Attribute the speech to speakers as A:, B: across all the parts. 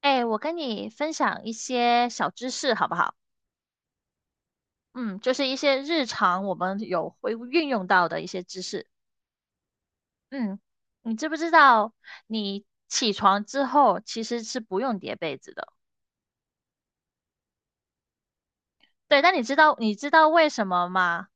A: 哎，我跟你分享一些小知识，好不好？嗯，就是一些日常我们有会运用到的一些知识。嗯，你知不知道，你起床之后其实是不用叠被子的。对，那你知道为什么吗？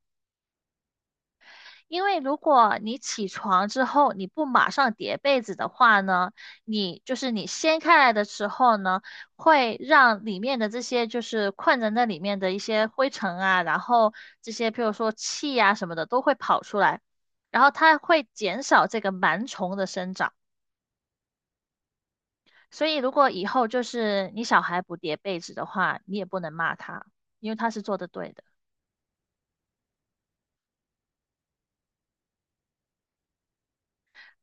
A: 因为如果你起床之后你不马上叠被子的话呢，你就是你掀开来的时候呢，会让里面的这些就是困在那里面的一些灰尘啊，然后这些譬如说气啊什么的都会跑出来，然后它会减少这个螨虫的生长。所以如果以后就是你小孩不叠被子的话，你也不能骂他，因为他是做的对的。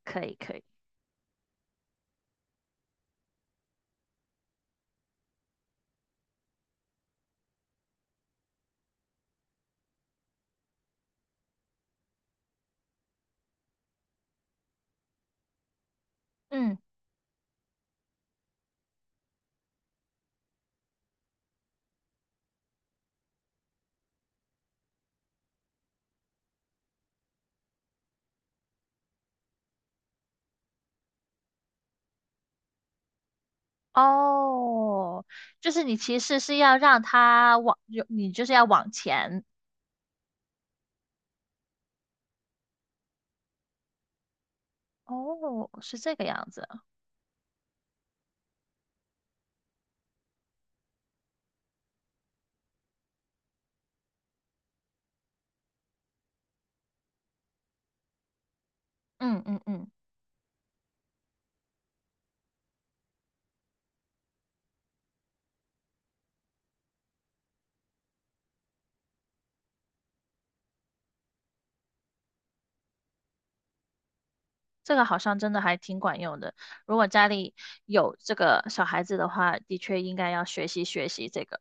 A: 可以，可以，嗯。哦，就是你其实是要让他往，有你就是要往前。哦，是这个样子。嗯嗯嗯，这个好像真的还挺管用的。如果家里有这个小孩子的话，的确应该要学习这个，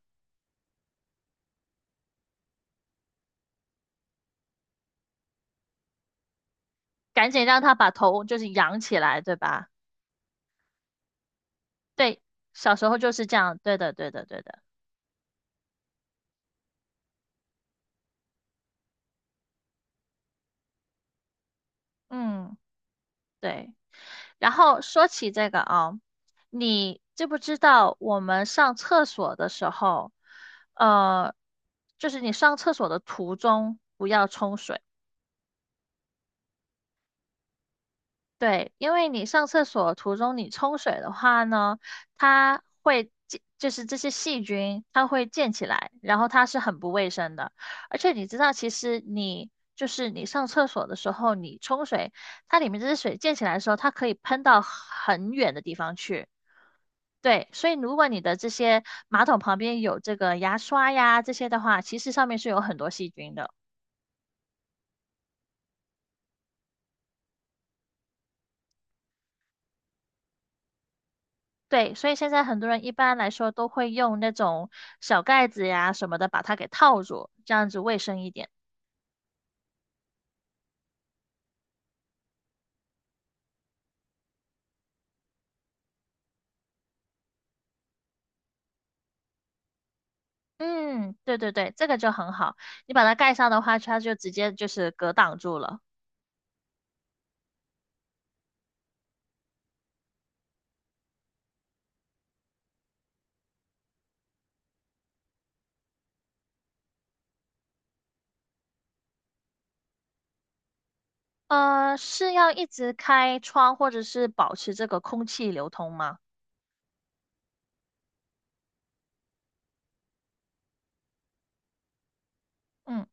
A: 赶紧让他把头就是扬起来，对吧？对，小时候就是这样。对的，对的，对的。嗯。对。然后说起这个啊，你知不知道我们上厕所的时候，呃，就是你上厕所的途中不要冲水。对，因为你上厕所途中你冲水的话呢，它会溅，就是这些细菌它会溅起来，然后它是很不卫生的。而且你知道，其实你就是你上厕所的时候，你冲水，它里面这些水溅起来的时候，它可以喷到很远的地方去。对，所以如果你的这些马桶旁边有这个牙刷呀这些的话，其实上面是有很多细菌的。对，所以现在很多人一般来说都会用那种小盖子呀什么的把它给套住，这样子卫生一点。嗯，对对对，这个就很好。你把它盖上的话，它就直接就是隔挡住了。是要一直开窗或者是保持这个空气流通吗？嗯。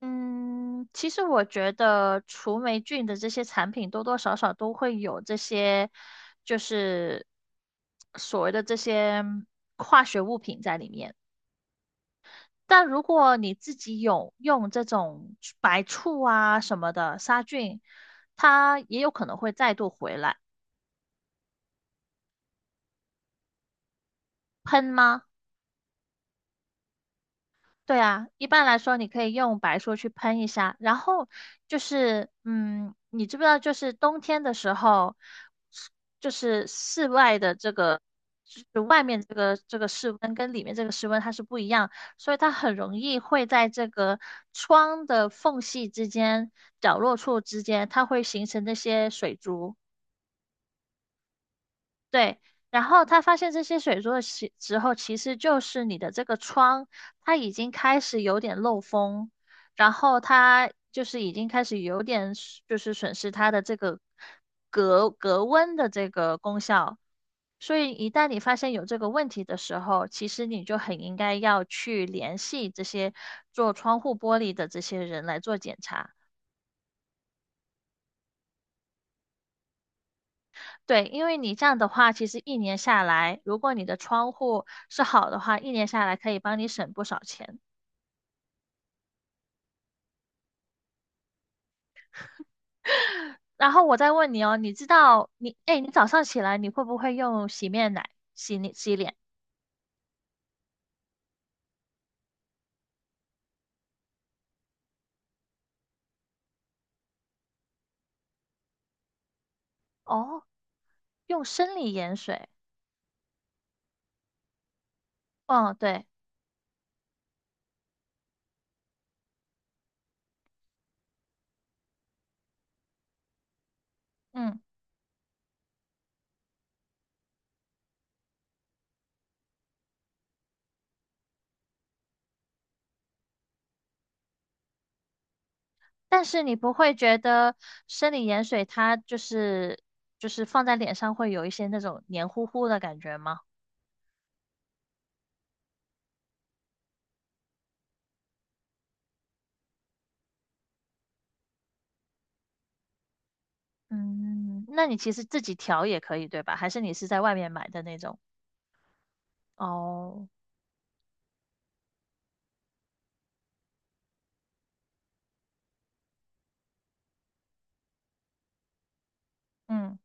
A: 嗯，其实我觉得除霉菌的这些产品多多少少都会有这些，就是所谓的这些化学物品在里面。但如果你自己有用这种白醋啊什么的杀菌，它也有可能会再度回来。喷吗？对啊，一般来说你可以用白醋去喷一下，然后就是，嗯，你知不知道，就是冬天的时候，就是室外的这个，就是外面这个室温跟里面这个室温它是不一样，所以它很容易会在这个窗的缝隙之间、角落处之间，它会形成那些水珠。对，然后他发现这些水珠的时候，其实就是你的这个窗，它已经开始有点漏风，然后它就是已经开始有点损就是损失它的这个隔温的这个功效。所以一旦你发现有这个问题的时候，其实你就很应该要去联系这些做窗户玻璃的这些人来做检查。对，因为你这样的话，其实一年下来，如果你的窗户是好的话，一年下来可以帮你省不少钱。然后我再问你哦，你知道你，哎，你早上起来你会不会用洗面奶洗脸？哦，用生理盐水。哦，对，嗯，但是你不会觉得生理盐水它就是放在脸上会有一些那种黏糊糊的感觉吗？嗯，那你其实自己调也可以，对吧？还是你是在外面买的那种？哦。嗯，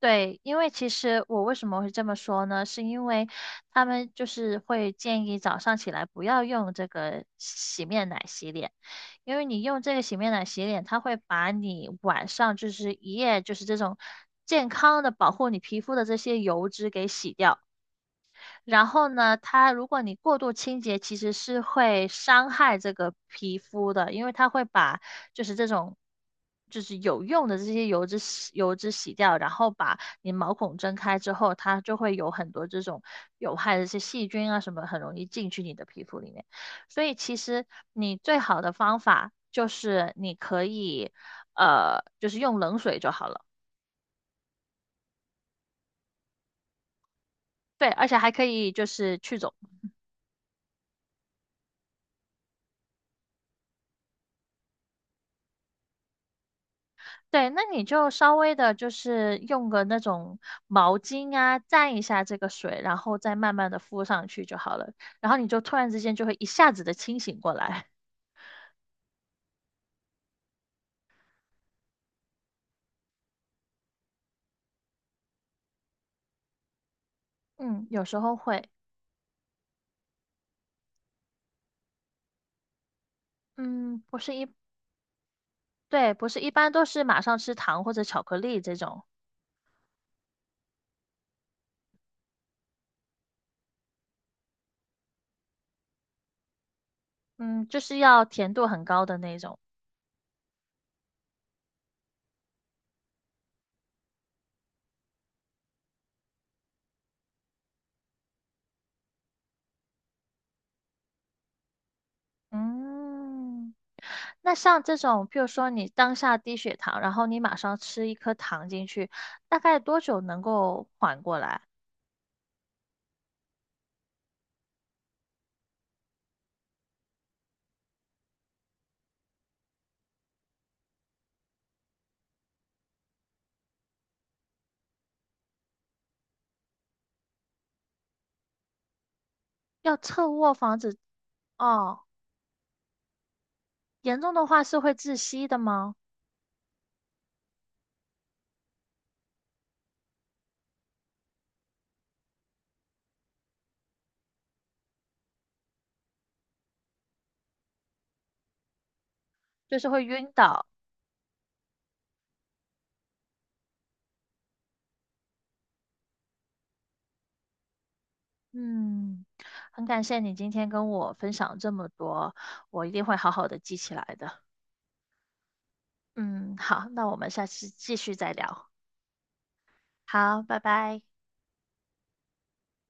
A: 对，因为其实我为什么会这么说呢？是因为他们就是会建议早上起来不要用这个洗面奶洗脸，因为你用这个洗面奶洗脸，它会把你晚上就是一夜就是这种健康的保护你皮肤的这些油脂给洗掉。然后呢，它如果你过度清洁，其实是会伤害这个皮肤的，因为它会把就是这种就是有用的这些油脂洗掉，然后把你毛孔睁开之后，它就会有很多这种有害的一些细菌啊什么，很容易进去你的皮肤里面。所以其实你最好的方法就是你可以就是用冷水就好了。对，而且还可以就是去肿。对，那你就稍微的，就是用个那种毛巾啊，蘸一下这个水，然后再慢慢的敷上去就好了。然后你就突然之间就会一下子的清醒过来。嗯，有时候会，嗯，不是一，对，不是一般都是马上吃糖或者巧克力这种，嗯，就是要甜度很高的那种。嗯，那像这种，譬如说你当下低血糖，然后你马上吃一颗糖进去，大概多久能够缓过来？要侧卧防止哦，严重的话是会窒息的吗？就是会晕倒。嗯，很感谢你今天跟我分享这么多，我一定会好好的记起来的。嗯，好，那我们下次继续再聊。好，拜拜。